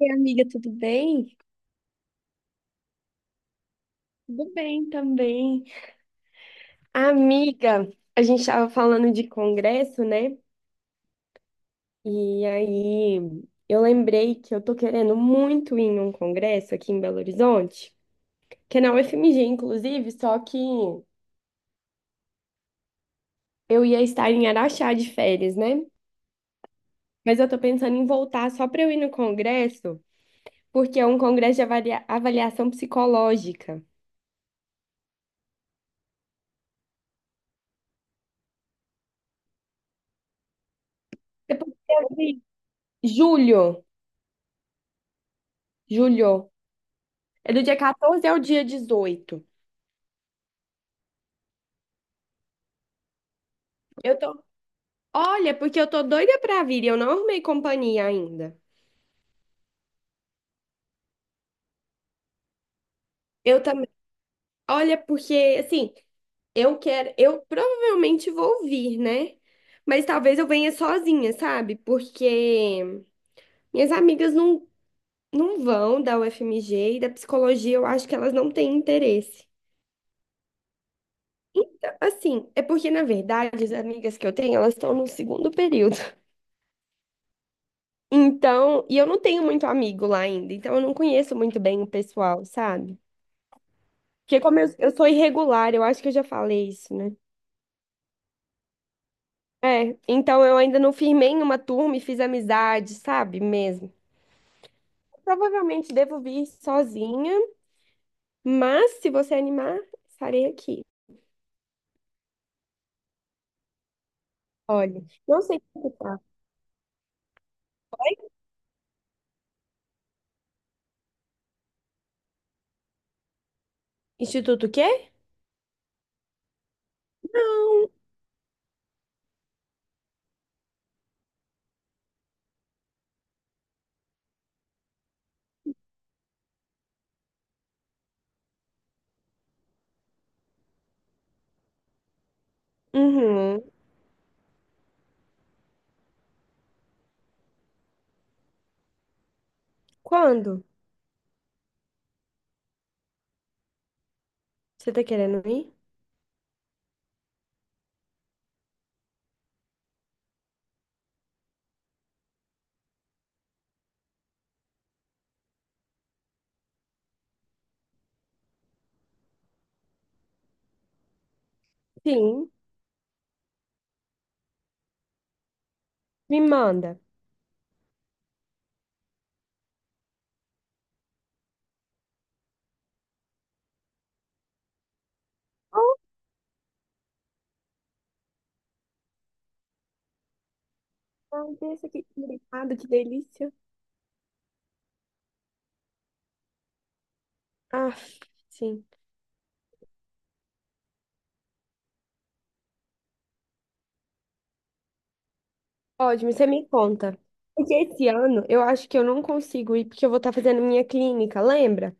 E amiga, tudo bem? Tudo bem também. Amiga, a gente estava falando de congresso, né? E aí eu lembrei que eu tô querendo muito ir em um congresso aqui em Belo Horizonte, que é na UFMG, inclusive, só que eu ia estar em Araxá de férias, né? Mas eu tô pensando em voltar só para eu ir no congresso, porque é um congresso de avaliação psicológica. Depois eu vi. Julho, julho. É do dia 14 ao dia 18. Eu tô. Olha, porque eu tô doida pra vir, e eu não arrumei companhia ainda. Eu também. Olha, porque assim, eu quero, eu provavelmente vou vir, né? Mas talvez eu venha sozinha, sabe? Porque minhas amigas não vão da UFMG e da psicologia, eu acho que elas não têm interesse. Assim, é porque na verdade as amigas que eu tenho, elas estão no segundo período. Então, e eu não tenho muito amigo lá ainda, então eu não conheço muito bem o pessoal, sabe? Porque como eu sou irregular, eu acho que eu já falei isso, né? É, então eu ainda não firmei em uma turma e fiz amizade, sabe? Mesmo. Provavelmente devo vir sozinha, mas se você animar, estarei aqui. Olha, não sei como tá. Instituto o quê? Uhum. Quando? Você tá querendo ir? Sim, me manda. Oh, meu Deus, que delicado, que delícia. Ah, sim. Ótimo, você me conta. Porque esse ano eu acho que eu não consigo ir porque eu vou estar fazendo minha clínica, lembra?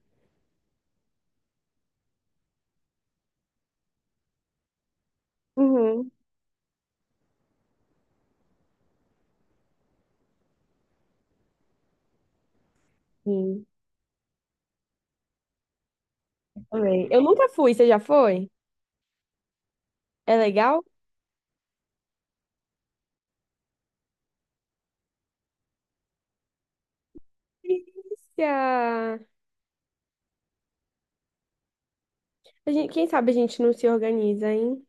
Uhum. Sim, também. Eu nunca fui, você já foi? É legal? Delícia! A gente, quem sabe a gente não se organiza, hein?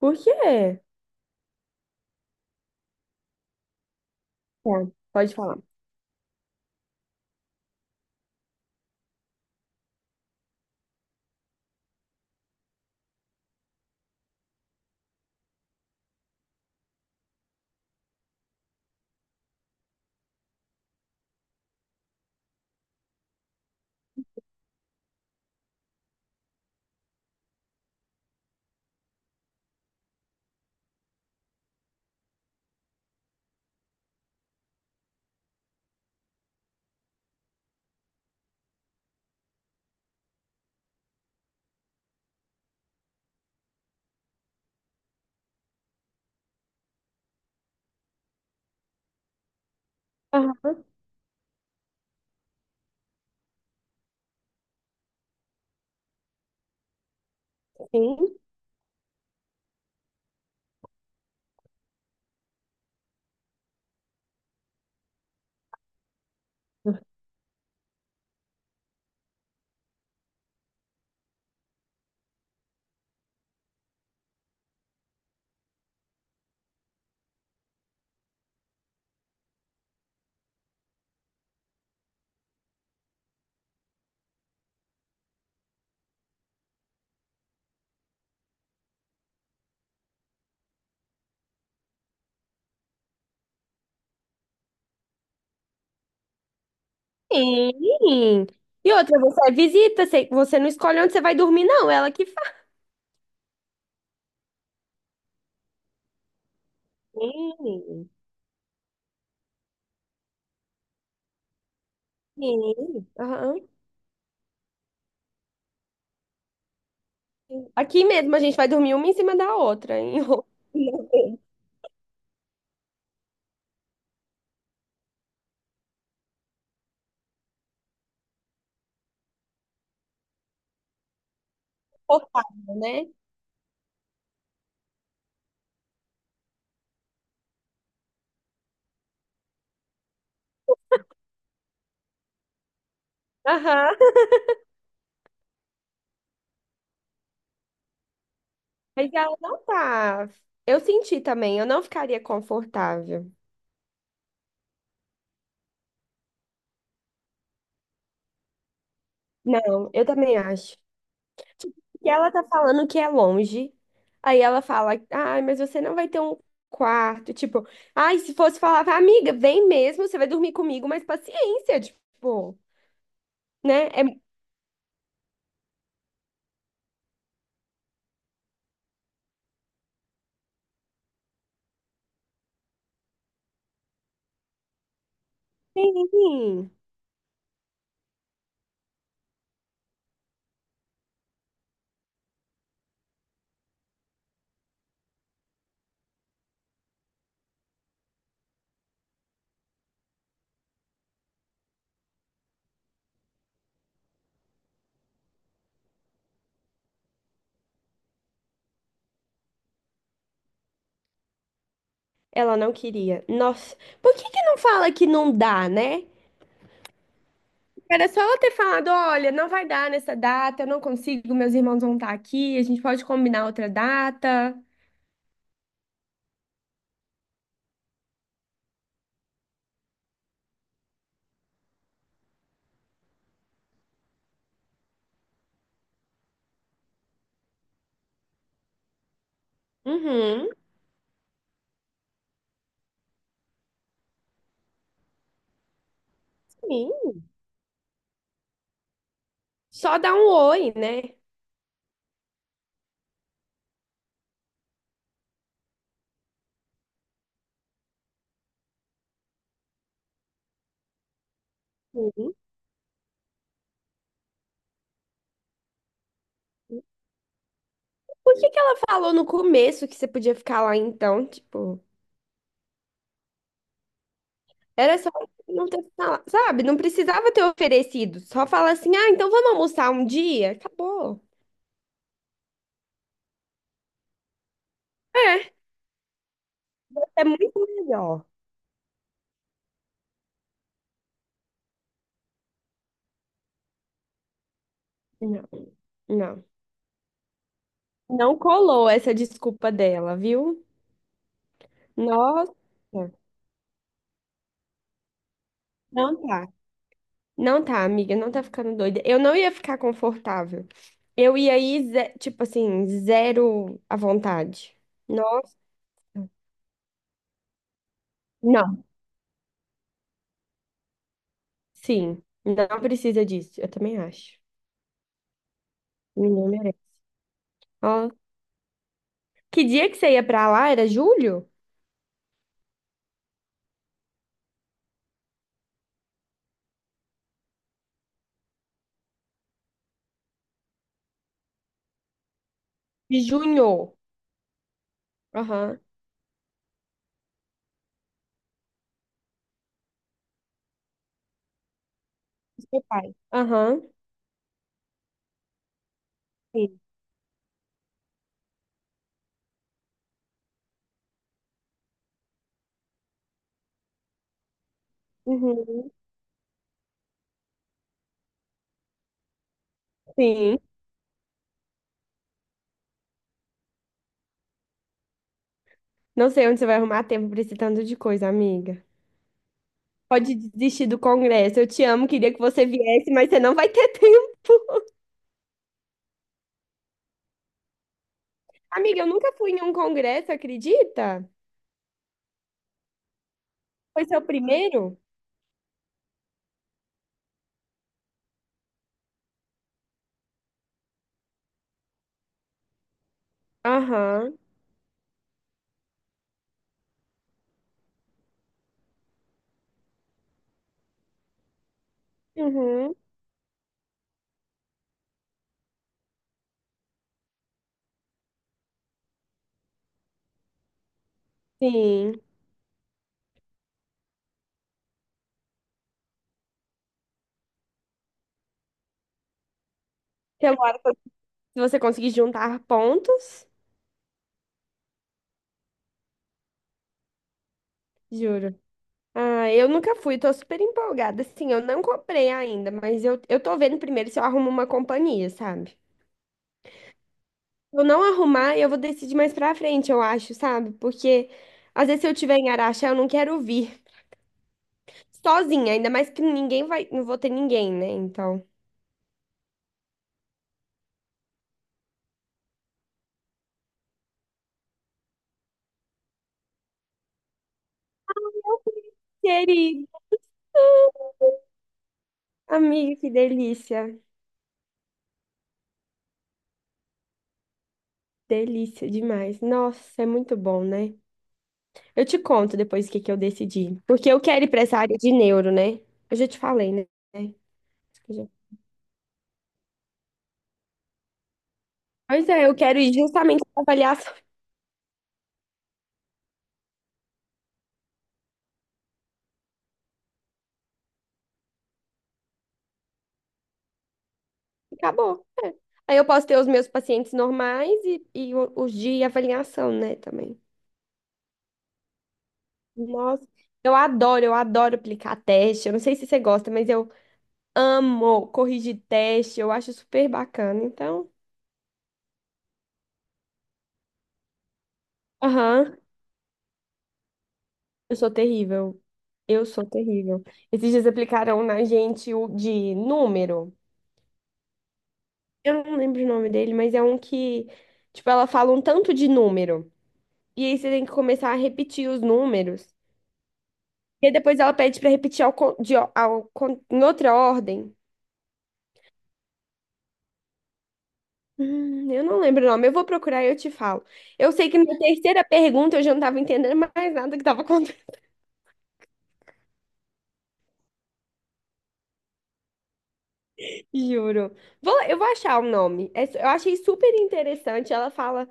Por quê? Tá, pode falar. Aham, sim. Sim. E outra, você é visita, você não escolhe onde você vai dormir, não, ela que faz. Sim, sim. Aham. Aqui mesmo a gente vai dormir uma em cima da outra, em. Confortável, né? Aham. Mas ela não tá. Eu senti também, eu não ficaria confortável. Não, eu também acho. E ela tá falando que é longe. Aí ela fala, ai, mas você não vai ter um quarto. Tipo, ai, se fosse falar, amiga, vem mesmo, você vai dormir comigo, mas paciência, tipo, né? É... Sim. Ela não queria. Nossa, por que que não fala que não dá, né? Era só ela ter falado, olha, não vai dar nessa data, eu não consigo, meus irmãos vão estar aqui, a gente pode combinar outra data. Uhum, sim. Só dar um oi, né? Uhum. Por que que ela falou no começo que você podia ficar lá então? Tipo, era só não ter falado, sabe? Não precisava ter oferecido. Só falar assim, ah, então vamos almoçar um dia? Acabou. É, é muito melhor. Não, não. Não colou essa desculpa dela, viu? Nossa, não tá. Não tá, amiga, não tá ficando doida. Eu não ia ficar confortável. Eu ia ir, tipo assim, zero à vontade. Não, não. Sim, não precisa disso. Eu também acho. Ninguém merece. Ó, que dia que você ia pra lá? Era julho? De junho. Aham. Do seu pai. Aham. Sim. Uhum. Sim. Não sei onde você vai arrumar tempo pra esse tanto de coisa, amiga. Pode desistir do congresso. Eu te amo, queria que você viesse, mas você não vai ter tempo. Amiga, eu nunca fui em um congresso, acredita? Foi seu primeiro? Aham, uhum, sim. Celular, se você conseguir juntar pontos, juro. Ah, eu nunca fui, tô super empolgada. Assim, eu não comprei ainda, mas eu tô vendo primeiro se eu arrumo uma companhia, sabe? Se eu não arrumar, eu vou decidir mais pra frente, eu acho, sabe? Porque às vezes se eu tiver em Araxá, eu não quero vir sozinha, ainda mais que ninguém vai, não vou ter ninguém, né? Então. Querido, amiga, que delícia. Delícia demais. Nossa, é muito bom, né? Eu te conto depois o que que eu decidi. Porque eu quero ir para essa área de neuro, né? Eu já te falei, né? Acho que já- Pois é, eu quero ir justamente para avaliação. Acabou. É. Aí eu posso ter os meus pacientes normais e os de avaliação, né, também. Nossa, eu adoro aplicar teste. Eu não sei se você gosta, mas eu amo corrigir teste. Eu acho super bacana. Então, aham, eu sou terrível. Eu sou terrível. Esses dias aplicaram na gente o de número. Eu não lembro o nome dele, mas é um que, tipo, ela fala um tanto de número. E aí você tem que começar a repetir os números. E aí depois ela pede pra repetir ao, con- de, o- ao, con- em outra ordem. Eu não lembro o nome. Eu vou procurar e eu te falo. Eu sei que na terceira pergunta eu já não tava entendendo mais nada que tava acontecendo. Juro. Eu vou achar o nome. Eu achei super interessante. Ela fala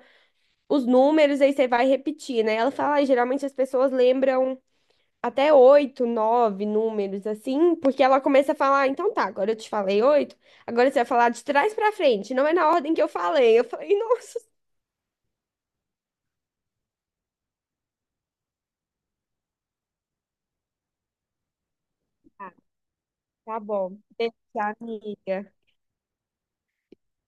os números, aí você vai repetir, né? Ela fala, "Ah, geralmente as pessoas lembram até oito, nove números assim, porque ela começa a falar, "Ah, então tá, agora eu te falei oito, agora você vai falar de trás pra frente, não é na ordem que eu falei." Eu falei, nossa, tá tá bom, deixa, amiga.